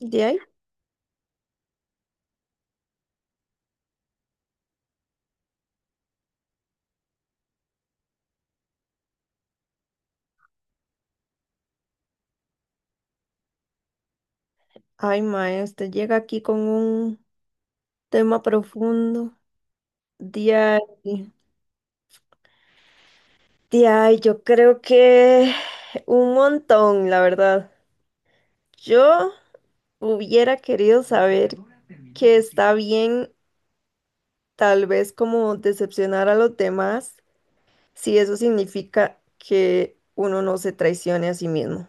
De ahí, ay, maestra, llega aquí con un tema profundo. De ahí, de ahí, yo creo que un montón, la verdad. Yo hubiera querido saber que está bien, tal vez como decepcionar a los demás, si eso significa que uno no se traicione a sí mismo.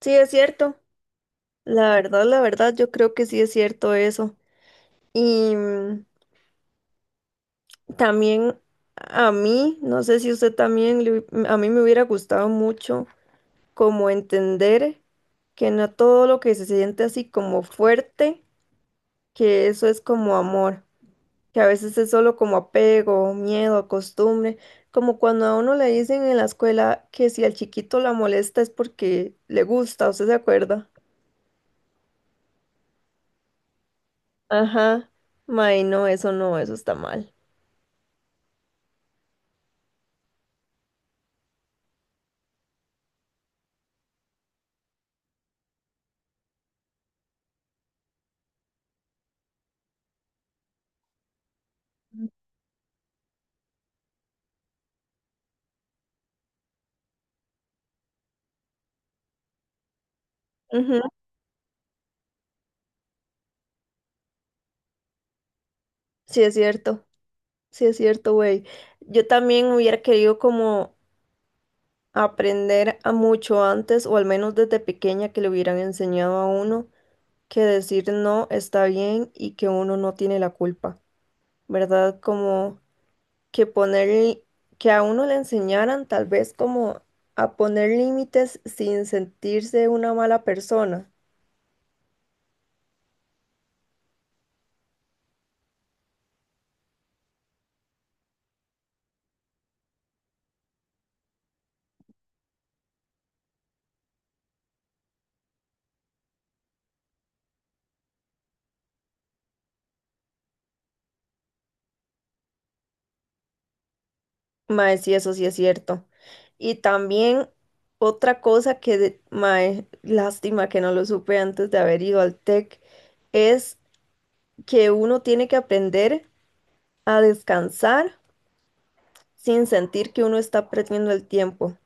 Sí, es cierto. La verdad, yo creo que sí es cierto eso. Y también a mí, no sé si usted también, a mí me hubiera gustado mucho como entender que no todo lo que se siente así como fuerte, que eso es como amor, que a veces es solo como apego, miedo, costumbre, como cuando a uno le dicen en la escuela que si al chiquito la molesta es porque le gusta, ¿usted se acuerda? Ajá, may, no, eso no, eso está mal. Ujú. Sí es cierto, sí es cierto, güey. Yo también hubiera querido como aprender a mucho antes, o al menos desde pequeña, que le hubieran enseñado a uno que decir no está bien y que uno no tiene la culpa, ¿verdad? Como que poner, que a uno le enseñaran tal vez como a poner límites sin sentirse una mala persona. Mae, sí, eso sí es cierto. Y también otra cosa que, mae, lástima que no lo supe antes de haber ido al TEC, es que uno tiene que aprender a descansar sin sentir que uno está perdiendo el tiempo.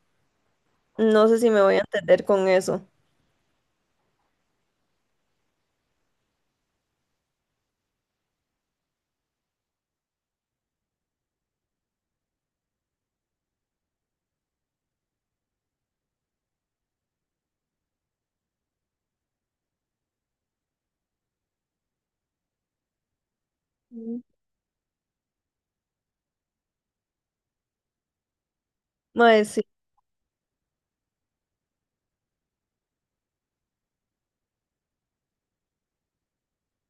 No sé si me voy a entender con eso. Mm. Mae, sí.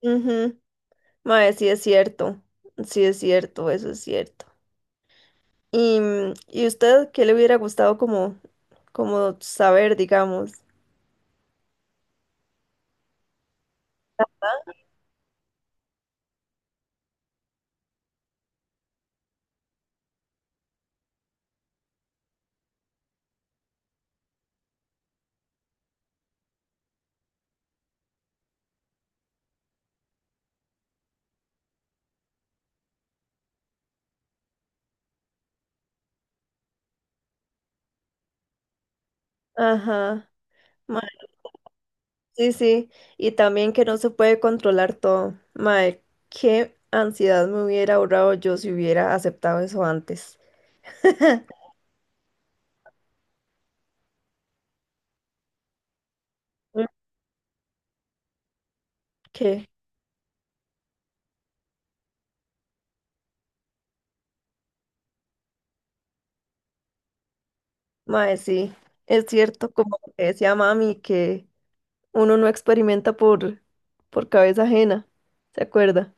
Ujú. Mae, sí es cierto. Sí es cierto, eso es cierto. ¿Y usted qué le hubiera gustado como saber, digamos? Ajá. Mae, sí, sí. Y también que no se puede controlar todo. Mae, qué ansiedad me hubiera ahorrado yo si hubiera aceptado eso antes. ¿Qué? Mae, sí, es cierto, como lo que decía mami, que uno no experimenta por cabeza ajena, ¿se acuerda?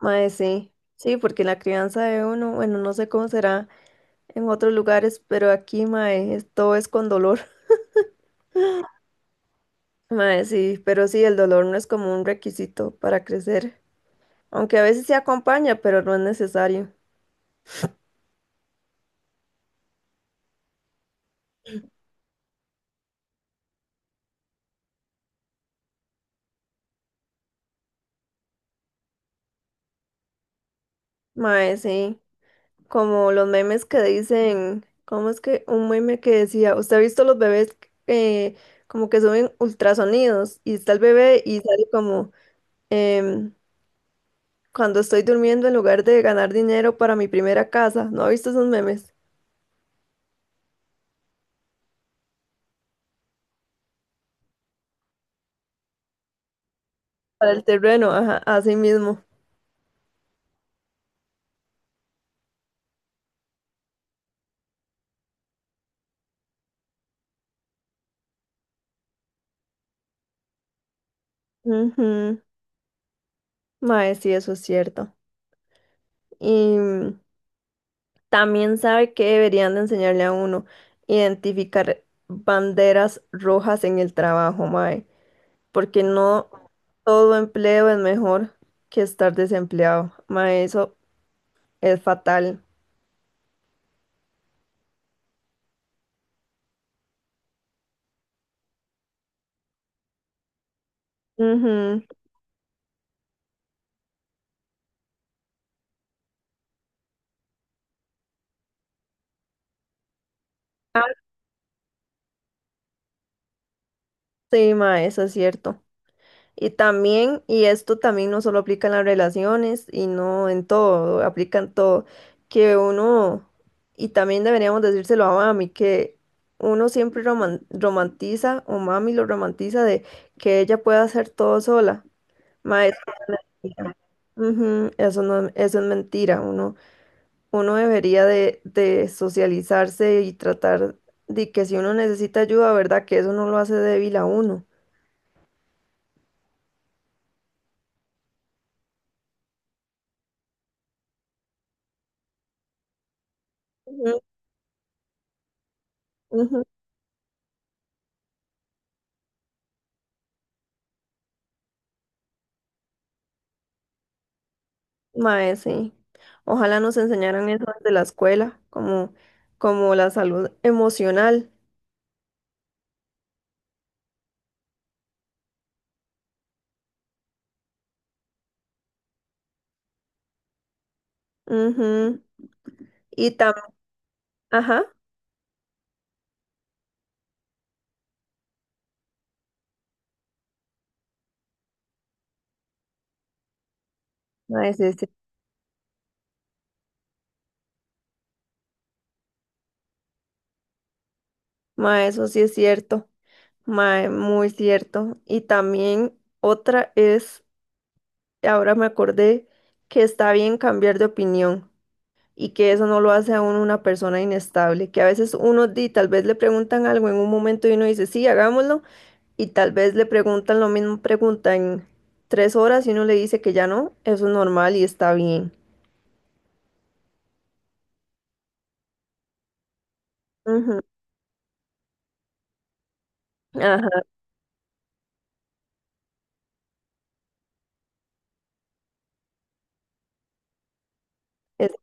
Mae, sí, sí, porque la crianza de uno, bueno, no sé cómo será en otros lugares, pero aquí, mae, todo es con dolor. Mae, sí, pero sí, el dolor no es como un requisito para crecer, aunque a veces se acompaña, pero no es necesario. Mae, sí. Como los memes que dicen, ¿cómo es que un meme que decía, usted ha visto los bebés eh, como que suben ultrasonidos y está el bebé y sale como, em, cuando estoy durmiendo en lugar de ganar dinero para mi primera casa, ¿no ha visto esos memes? Para el terreno, ajá, así mismo. Ujú. Mae, sí, eso es cierto. Y también sabe que deberían de enseñarle a uno identificar banderas rojas en el trabajo, mae. Porque no todo empleo es mejor que estar desempleado. Ma, eso es fatal. Ujú. Sí, ma, eso es cierto. Y también, y esto también no solo aplica en las relaciones y no en todo, aplica en todo, que uno, y también deberíamos decírselo a mami, que uno siempre romantiza, o mami lo romantiza de que ella pueda hacer todo sola. Ma, eso no es mentira. Ujú, eso no, eso es mentira, uno. Uno debería de socializarse y tratar de que si uno necesita ayuda, ¿verdad? Que eso no lo hace débil a uno. Ujú, ujú. Mae, sí. Ojalá nos enseñaran eso desde la escuela, como, la salud emocional. Ujú. Y también, ajá, mae, sí, sí. Mae, eso sí es cierto. Mae, muy cierto. Y también otra es, ahora me acordé que está bien cambiar de opinión. Y que eso no lo hace a uno una persona inestable, que a veces uno di, tal vez le preguntan algo en un momento y uno dice, sí, hagámoslo, y tal vez le preguntan lo mismo, preguntan 3 horas y uno le dice que ya no, eso es normal y está bien. Ujú. Ajá, es-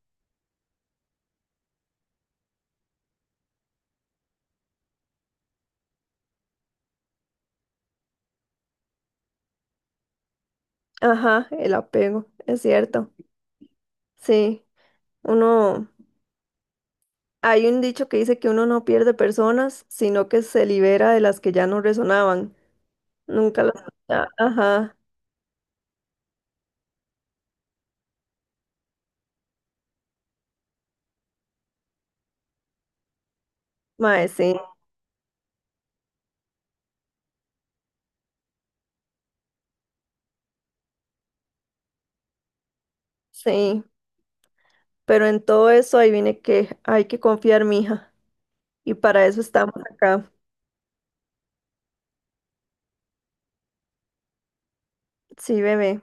ajá, el apego, es cierto. Sí, uno, hay un dicho que dice que uno no pierde personas, sino que se libera de las que ya no resonaban. Nunca las... Ajá, mae, sí, sí. Pero en todo eso, ahí viene que hay que confiar, mija. Y para eso estamos acá. Sí, bebé.